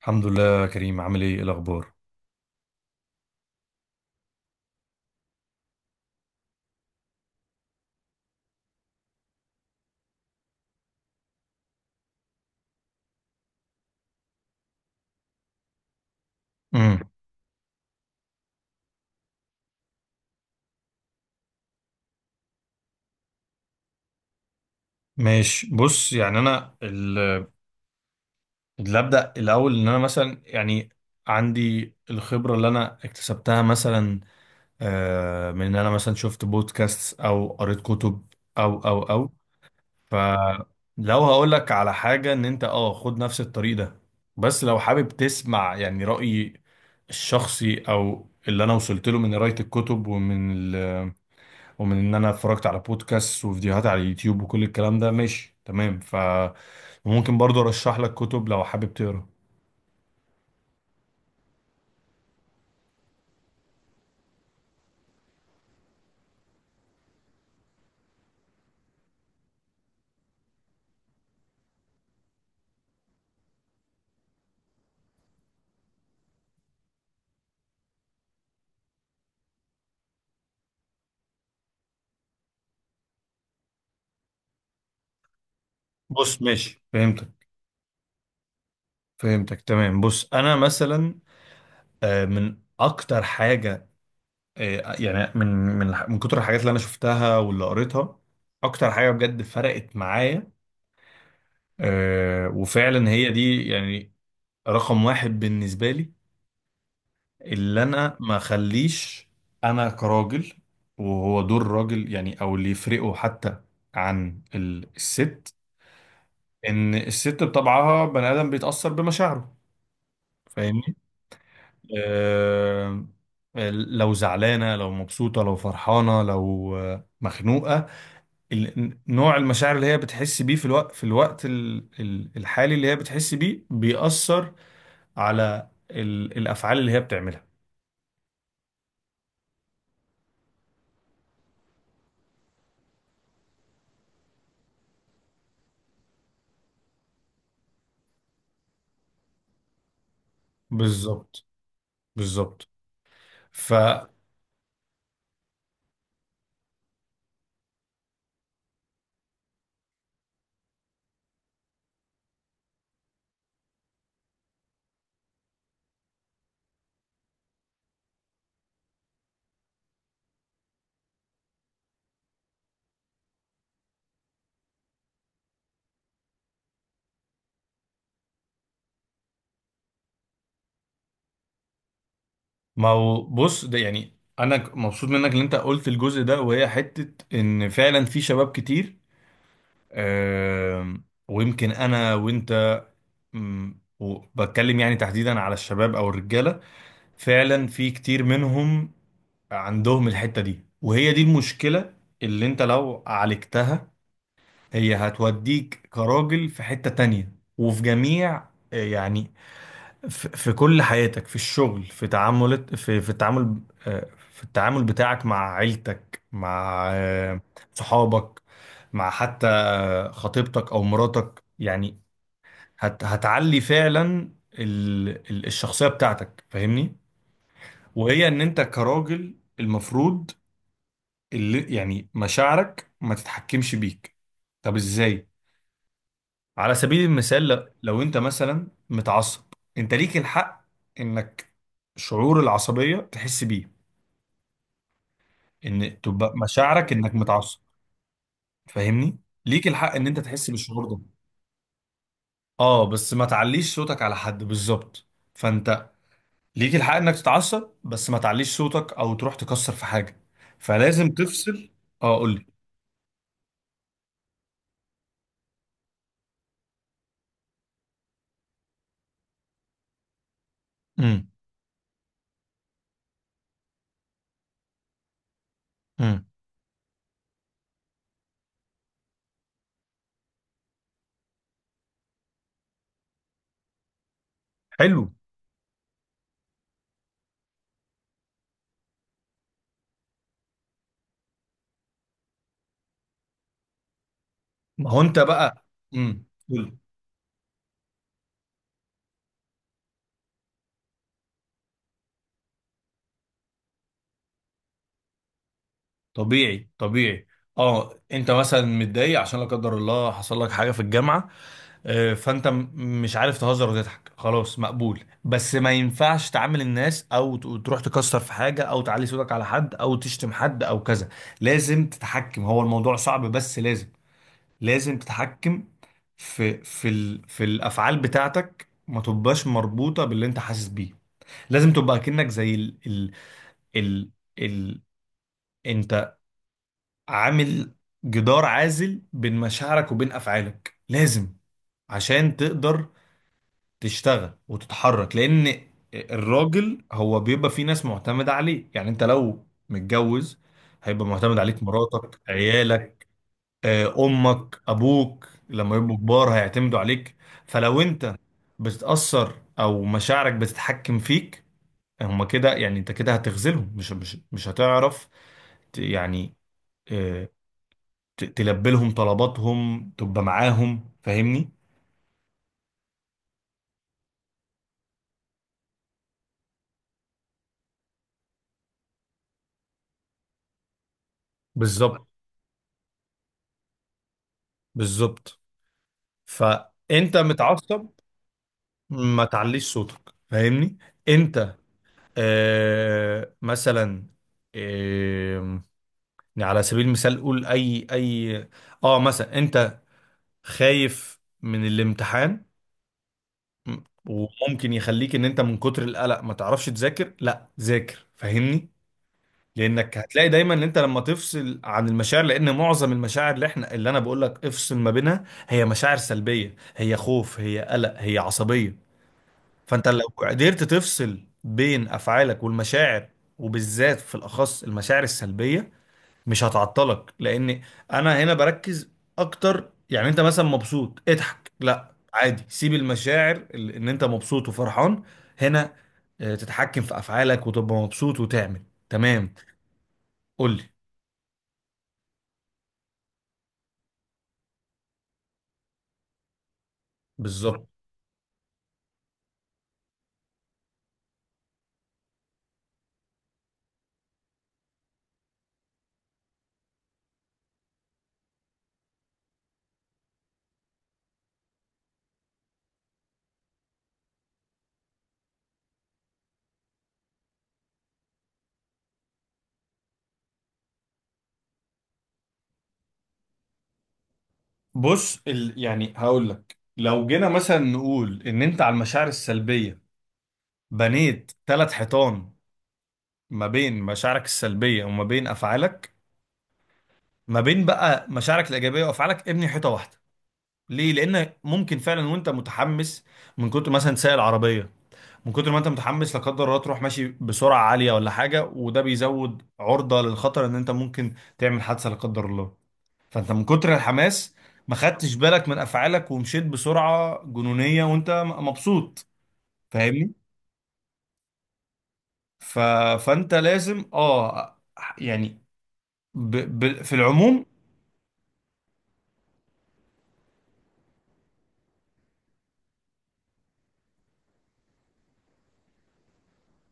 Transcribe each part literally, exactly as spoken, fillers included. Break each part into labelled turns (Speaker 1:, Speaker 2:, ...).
Speaker 1: الحمد لله يا كريم، عامل ايه؟ إيه الاخبار؟ امم ماشي، بص يعني انا ال- اللي ابدا الاول ان انا مثلا يعني عندي الخبره اللي انا اكتسبتها مثلا، آه من ان انا مثلا شفت بودكاست او قريت كتب، او او او فلو هقول لك على حاجه، ان انت اه خد نفس الطريق ده. بس لو حابب تسمع يعني رايي الشخصي او اللي انا وصلت له من قرايه الكتب ومن ال- ومن ان انا اتفرجت على بودكاست وفيديوهات على اليوتيوب وكل الكلام ده، ماشي تمام. ف وممكن برضو ارشح لك كتب لو حابب تقرا. بص ماشي، فهمتك، فهمتك تمام. بص انا مثلا، آه، من اكتر حاجه، آه، يعني من من من كتر الحاجات اللي انا شفتها واللي قريتها، اكتر حاجه بجد فرقت معايا، آه، وفعلا هي دي يعني رقم واحد بالنسبه لي، اللي انا ما اخليش، انا كراجل، وهو دور الراجل يعني او اللي يفرقه حتى عن ال- الست، ان الست بطبعها بني ادم بيتاثر بمشاعره، فاهمني؟ آه آه، لو زعلانه، لو مبسوطه، لو فرحانه، لو آه، مخنوقه، ال- نوع المشاعر اللي هي بتحس بيه في الوقت في الوقت ال- ال- الحالي اللي هي بتحس بيه، بيأثر على ال- الافعال اللي هي بتعملها. بالظبط، بالظبط. ما هو بص، ده يعني انا ك- مبسوط منك ان انت قلت الجزء ده، وهي حتة ان فعلا في شباب كتير، آم، ويمكن انا وانت، مم، وبتكلم يعني تحديدا على الشباب او الرجالة، فعلا في كتير منهم عندهم الحتة دي، وهي دي المشكلة. اللي انت لو عالجتها، هي هتوديك كراجل في حتة تانية، وفي جميع آه، يعني، في في كل حياتك، في الشغل، في تعاملات، في في التعامل، آه، في التعامل بتاعك مع عيلتك، مع آه، صحابك، مع حتى آه، خطيبتك او مراتك يعني. هت هتعلي فعلا ال ال- الشخصية بتاعتك، فاهمني؟ وهي ان انت كراجل المفروض اللي يعني مشاعرك ما تتحكمش بيك. طب ازاي؟ على سبيل المثال، ل- لو انت مثلا متعصب، انت ليك الحق انك، شعور العصبية تحس بيه، ان تبقى مشاعرك انك متعصب، فاهمني؟ ليك الحق ان انت تحس بالشعور ده. اه بس ما تعليش صوتك على حد، بالظبط. فانت ليك الحق انك تتعصب، بس ما تعليش صوتك او تروح تكسر في حاجة، فلازم تفصل. اه قول لي. امم امم حلو. ما هو انت بقى. امم طبيعي، طبيعي. اه انت مثلا متضايق عشان لا قدر الله حصل لك حاجه في الجامعه، آه، فانت م- مش عارف تهزر وتضحك، خلاص مقبول. بس ما ينفعش تعامل الناس، او ت- تروح تكسر في حاجه، او تعلي صوتك على حد، او تشتم حد، او كذا. لازم تتحكم، هو الموضوع صعب، بس لازم، لازم تتحكم في في ال في الافعال بتاعتك، ما تبقاش مربوطه باللي انت حاسس بيه. لازم تبقى كأنك زي ال ال ال ال عامل جدار عازل بين مشاعرك وبين افعالك، لازم، عشان تقدر تشتغل وتتحرك. لان الراجل هو بيبقى فيه ناس معتمدة عليه، يعني انت لو متجوز هيبقى معتمد عليك مراتك، عيالك، آه، امك، ابوك لما يبقوا كبار هيعتمدوا عليك. فلو انت بتتأثر او مشاعرك بتتحكم فيك، هما كده يعني انت كده هتخذلهم، مش مش مش هتعرف ت- يعني، آه، ت- تلبي لهم طلباتهم، تبقى معاهم، فاهمني؟ بالظبط، بالظبط. فانت متعصب، ما تعليش صوتك، فاهمني؟ انت آه مثلا، آه يعني على سبيل المثال، قول اي اي، اه مثلا انت خايف من الامتحان، م- وممكن يخليك ان انت من كتر القلق ما تعرفش تذاكر، لا ذاكر، فاهمني؟ لانك هتلاقي دايما ان انت لما تفصل عن المشاعر، لان معظم المشاعر اللي احنا، اللي انا بقول لك افصل ما بينها، هي مشاعر سلبيه، هي خوف، هي قلق، هي عصبيه. فانت لو قدرت تفصل بين افعالك والمشاعر، وبالذات في الاخص المشاعر السلبيه، مش هتعطلك. لان انا هنا بركز اكتر، يعني انت مثلا مبسوط، اضحك، لا عادي، سيب المشاعر اللي- ان انت مبسوط وفرحان، هنا آه، تتحكم في افعالك وتبقى مبسوط وتعمل، تمام. قول لي. بالظبط. بص ال... يعني هقول لك، لو جينا مثلا نقول ان انت على المشاعر السلبية بنيت ثلاث حيطان ما بين مشاعرك السلبية وما بين افعالك، ما بين بقى مشاعرك الايجابية وافعالك ابني حيطة واحدة. ليه؟ لان ممكن فعلا وانت متحمس، من كتر مثلا سايق العربية، من كتر ما انت متحمس لا قدر الله تروح ماشي بسرعة عالية ولا حاجة، وده بيزود عرضة للخطر ان انت ممكن تعمل حادثة لا قدر الله. فانت من كتر الحماس ما خدتش بالك من افعالك ومشيت بسرعه جنونيه وانت م- مبسوط، فاهمني؟ ف... فانت لازم اه يعني، ب... ب... في العموم.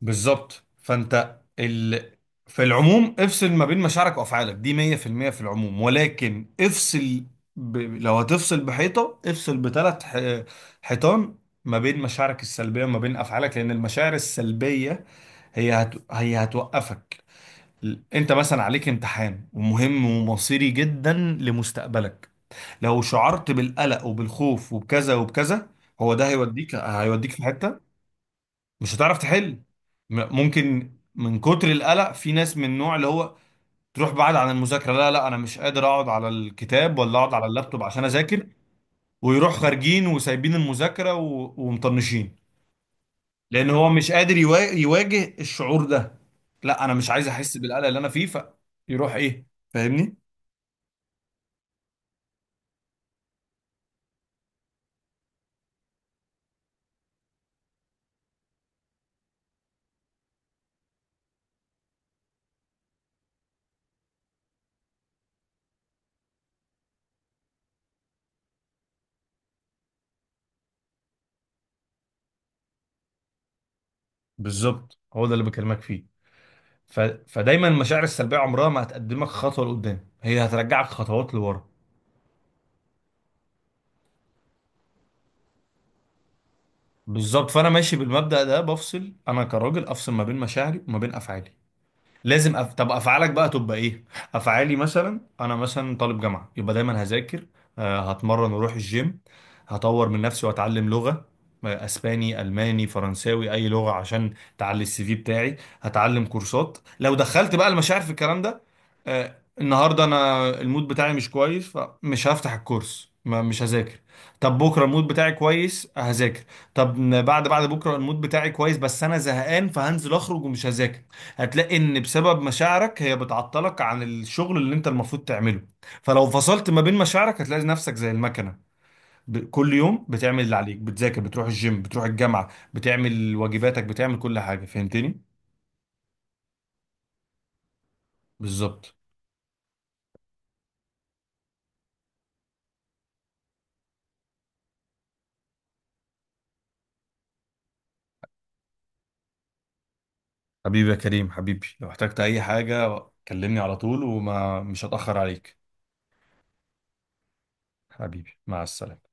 Speaker 1: بالظبط. فانت ال... في العموم افصل ما بين مشاعرك وافعالك دي مية في المية في المية في العموم. ولكن افصل، ب... لو هتفصل بحيطه، افصل بثلاث ح... حيطان ما بين مشاعرك السلبيه وما بين افعالك، لان المشاعر السلبيه هي هت... هي هتوقفك. انت مثلا عليك امتحان ومهم ومصيري جدا لمستقبلك، لو شعرت بالقلق وبالخوف وبكذا وبكذا، هو ده هيوديك، هيوديك في حتة مش هتعرف تحل. م- ممكن من كتر القلق، في ناس من النوع اللي هو تروح بعد عن المذاكرة، لا لا انا مش قادر اقعد على الكتاب ولا اقعد على اللابتوب عشان اذاكر، ويروح خارجين وسايبين المذاكرة و- ومطنشين، لان هو مش قادر يوا- يواجه الشعور ده، لا انا مش عايز احس بالقلق اللي انا فيه، فيروح ايه، فاهمني؟ بالظبط، هو ده اللي بكلمك فيه. ف... فدايما المشاعر السلبيه عمرها ما هتقدمك خطوه لقدام، هي هترجعك خطوات لورا. بالظبط. فانا ماشي بالمبدأ ده، بفصل انا كراجل، افصل ما بين مشاعري وما بين افعالي، لازم أف... طب افعالك بقى تبقى ايه؟ افعالي مثلا انا مثلا طالب جامعه، يبقى دايما هذاكر، آه، هتمرن واروح الجيم، هطور من نفسي واتعلم لغه، آه، اسباني، الماني، فرنساوي، اي لغه عشان تعلي السي في بتاعي، هتعلم كورسات. لو دخلت بقى المشاعر في الكلام ده، آه، النهارده انا المود بتاعي مش كويس، فمش هفتح الكورس، ما مش هذاكر. طب بكره المود بتاعي كويس، هذاكر. طب بعد بعد بكره المود بتاعي كويس بس انا زهقان، فهنزل اخرج ومش هذاكر. هتلاقي ان بسبب مشاعرك هي بتعطلك عن الشغل اللي انت المفروض تعمله. فلو فصلت ما بين مشاعرك هتلاقي نفسك زي المكنة، ب- كل يوم بتعمل اللي عليك، بتذاكر، بتروح الجيم، بتروح الجامعة، بتعمل واجباتك، بتعمل كل حاجة، فهمتني؟ بالظبط. حبيبي يا كريم، حبيبي لو احتجت اي حاجة كلمني على طول، وما مش هتأخر عليك. حبيبي مع السلامة.